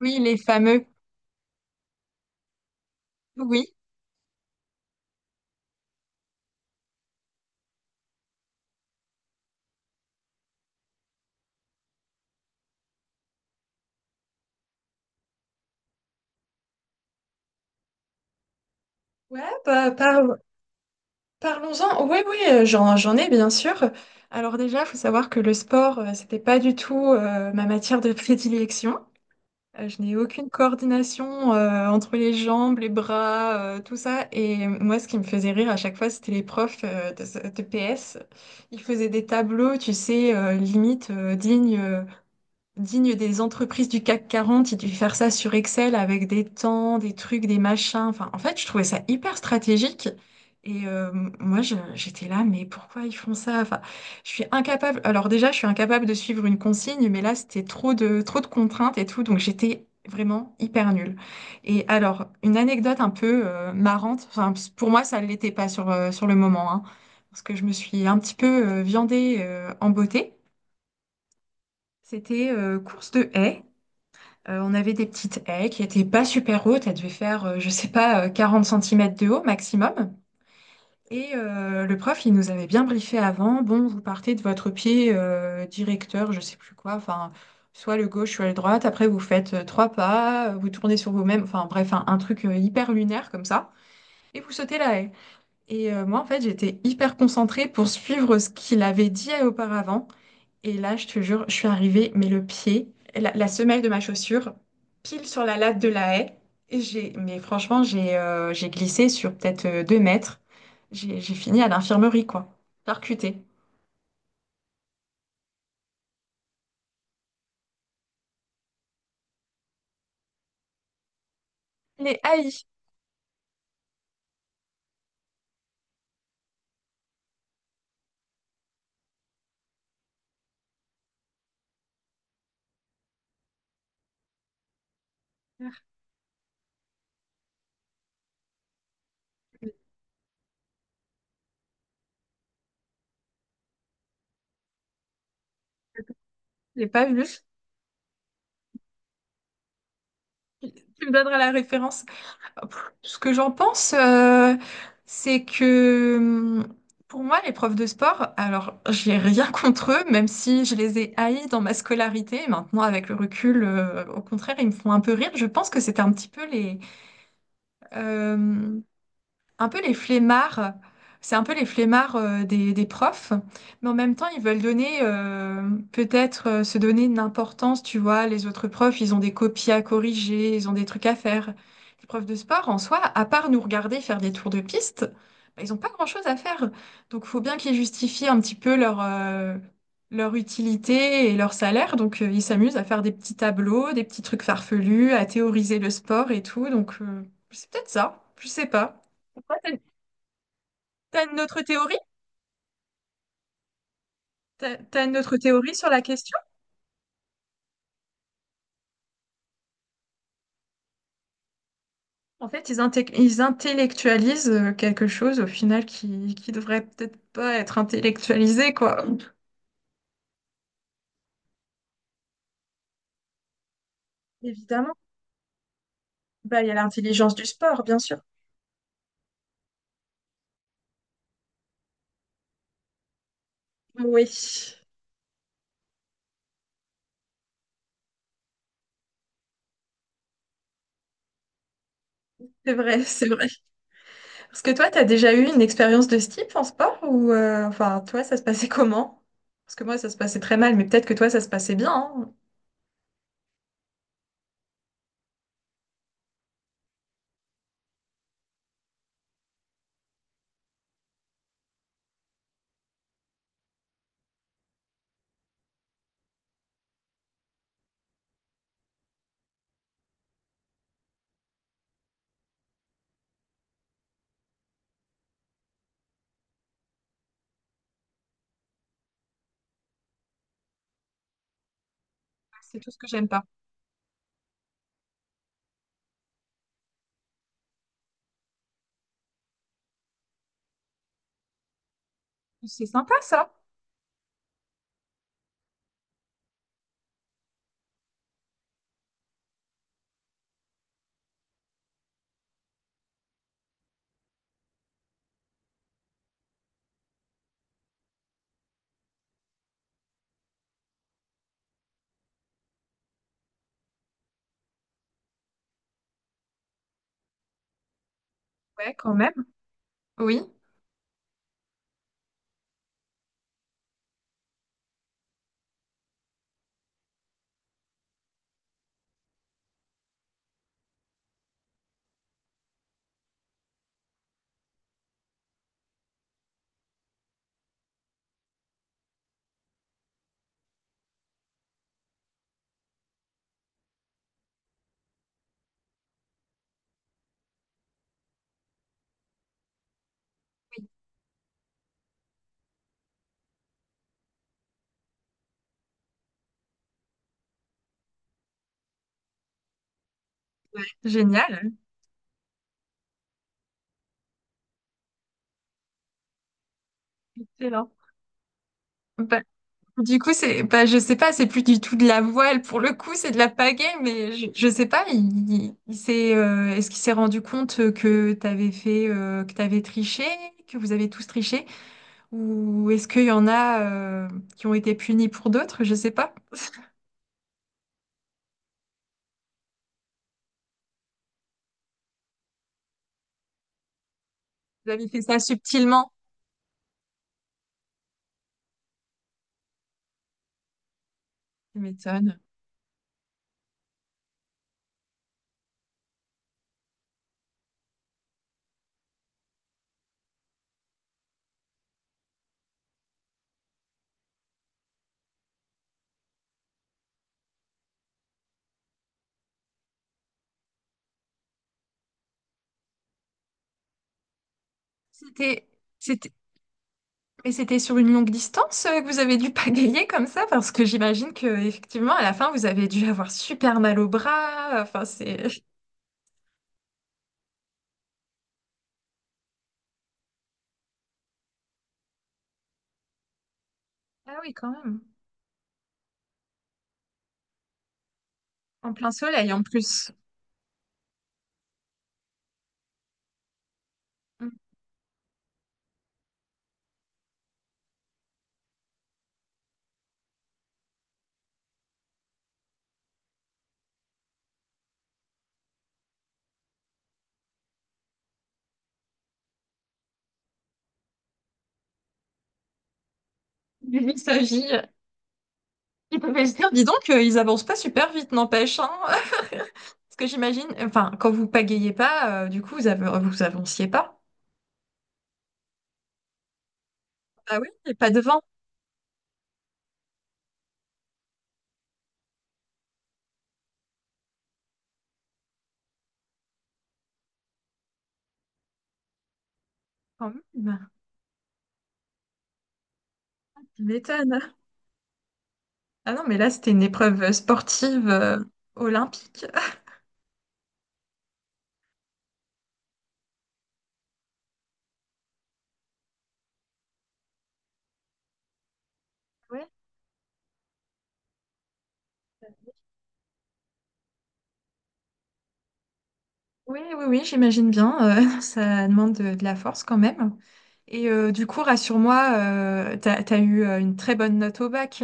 Oui, les fameux. Oui. Ouais, bah, parlons-en. Oui, oui, j'en ai bien sûr. Alors déjà, il faut savoir que le sport, c'était pas du tout ma matière de prédilection. Je n'ai aucune coordination entre les jambes, les bras, tout ça. Et moi, ce qui me faisait rire à chaque fois, c'était les profs de PS. Ils faisaient des tableaux, tu sais, limite dignes digne des entreprises du CAC 40, ils devaient faire ça sur Excel avec des temps, des trucs, des machins. Enfin, en fait, je trouvais ça hyper stratégique. Et moi, j'étais là, mais pourquoi ils font ça? Enfin, je suis incapable. Alors déjà, je suis incapable de suivre une consigne, mais là, c'était trop de contraintes et tout, donc j'étais vraiment hyper nulle. Et alors, une anecdote un peu marrante. Enfin, pour moi, ça ne l'était pas sur le moment, hein, parce que je me suis un petit peu viandée en beauté. C'était course de haies. On avait des petites haies qui étaient pas super hautes, elles devaient faire, je sais pas, 40 centimètres de haut maximum. Et le prof, il nous avait bien briefé avant, bon, vous partez de votre pied directeur, je sais plus quoi, enfin, soit le gauche, soit le droite, après vous faites trois pas, vous tournez sur vous-même, enfin bref, un truc hyper lunaire comme ça, et vous sautez la haie. Et moi, en fait, j'étais hyper concentrée pour suivre ce qu'il avait dit auparavant. Et là, je te jure, je suis arrivée, mais le pied, la semelle de ma chaussure, pile sur la latte de la haie. Et j'ai, mais franchement, j'ai glissé sur peut-être 2 mètres. J'ai fini à l'infirmerie, quoi. Percutée. Les haïs. Je l'ai pas vu. Tu me donneras la référence. Ce que j'en pense, c'est que pour moi, les profs de sport, alors j'ai rien contre eux, même si je les ai haïs dans ma scolarité. Maintenant, avec le recul, au contraire, ils me font un peu rire. Je pense que c'était un petit peu euh, un peu les flemmards, c'est un peu les flemmards des profs, mais en même temps, ils veulent donner, peut-être se donner une importance, tu vois, les autres profs, ils ont des copies à corriger, ils ont des trucs à faire. Les profs de sport, en soi, à part nous regarder faire des tours de piste, bah, ils n'ont pas grand-chose à faire. Donc, il faut bien qu'ils justifient un petit peu leur utilité et leur salaire. Donc, ils s'amusent à faire des petits tableaux, des petits trucs farfelus, à théoriser le sport et tout. Donc, c'est peut-être ça, je sais pas. T'as une autre théorie? T'as une autre théorie sur la question? En fait, ils intellectualisent quelque chose au final qui devrait peut-être pas être intellectualisé, quoi. Évidemment. Bah, il y a l'intelligence du sport, bien sûr. Oui, c'est vrai, c'est vrai. Parce que toi, t'as déjà eu une expérience de ce type en sport ou enfin, toi, ça se passait comment? Parce que moi, ça se passait très mal, mais peut-être que toi, ça se passait bien, hein. C'est tout ce que j'aime pas. C'est sympa, ça. Ouais, quand même. Oui. Oui. Génial. Excellent. Du coup, c'est, bah, je sais pas, c'est plus du tout de la voile. Pour le coup, c'est de la pagaie, mais je sais pas, il s'est, est-ce qu'il s'est rendu compte que t'avais fait, que t'avais triché, que vous avez tous triché, ou est-ce qu'il y en a, qui ont été punis pour d'autres? Je sais pas. Vous avez fait ça subtilement. Tu m'étonnes. C'était, c'était, mais c'était sur une longue distance, que vous avez dû pagayer comme ça, parce que j'imagine que, effectivement, à la fin, vous avez dû avoir super mal au bras. Enfin, ah oui, quand même. En plein soleil en plus. Mm. Il s'agit. Il devait se dire, dis donc, ils avancent pas super vite, n'empêche, hein. Parce que j'imagine, enfin, quand vous pagayez pas, du coup, vous avanciez pas. Ah oui, et pas de vent, quand même. Tu m'étonnes. Ah non, mais là, c'était une épreuve sportive olympique. Ouais. Oui, oui, oui, j'imagine bien. Ça demande de la force quand même. Et du coup, rassure-moi, t'as eu une très bonne note au bac.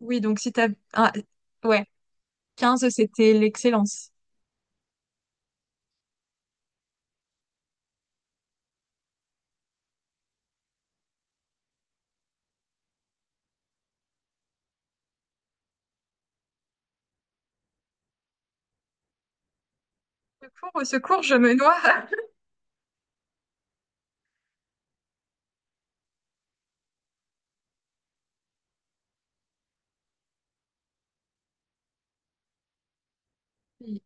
Oui, donc si t'as... Ah, ouais. 15, c'était l'excellence. Au secours, je me noie. Il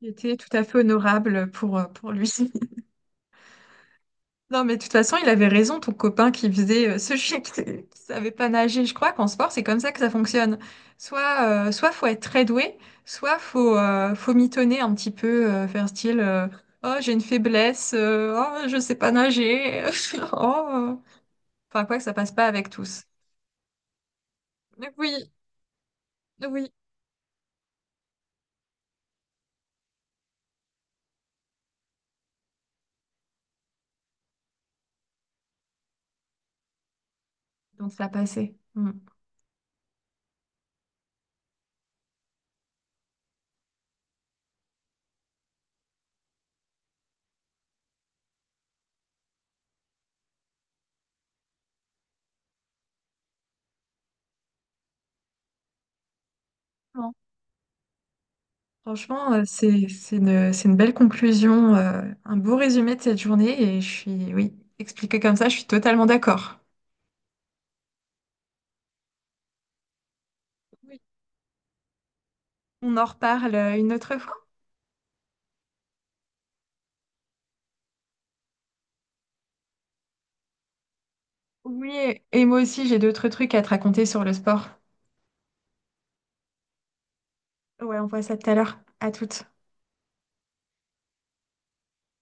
il était tout à fait honorable pour lui. Non, mais de toute façon, il avait raison, ton copain qui faisait ce chien qui savait pas nager. Je crois qu'en sport, c'est comme ça que ça fonctionne. Soit faut être très doué, soit faut mitonner un petit peu, faire style oh, j'ai une faiblesse, oh, je sais pas nager. Oh. Enfin, quoi que ça passe pas avec tous. Donc, oui, oui. Donc, ça passait. Mm. Franchement, c'est une belle conclusion, un beau résumé de cette journée et je suis, oui, expliqué comme ça, je suis totalement d'accord. Oui. On en reparle une autre fois. Oui, et moi aussi, j'ai d'autres trucs à te raconter sur le sport. Ouais, on voit ça tout à l'heure. À toutes.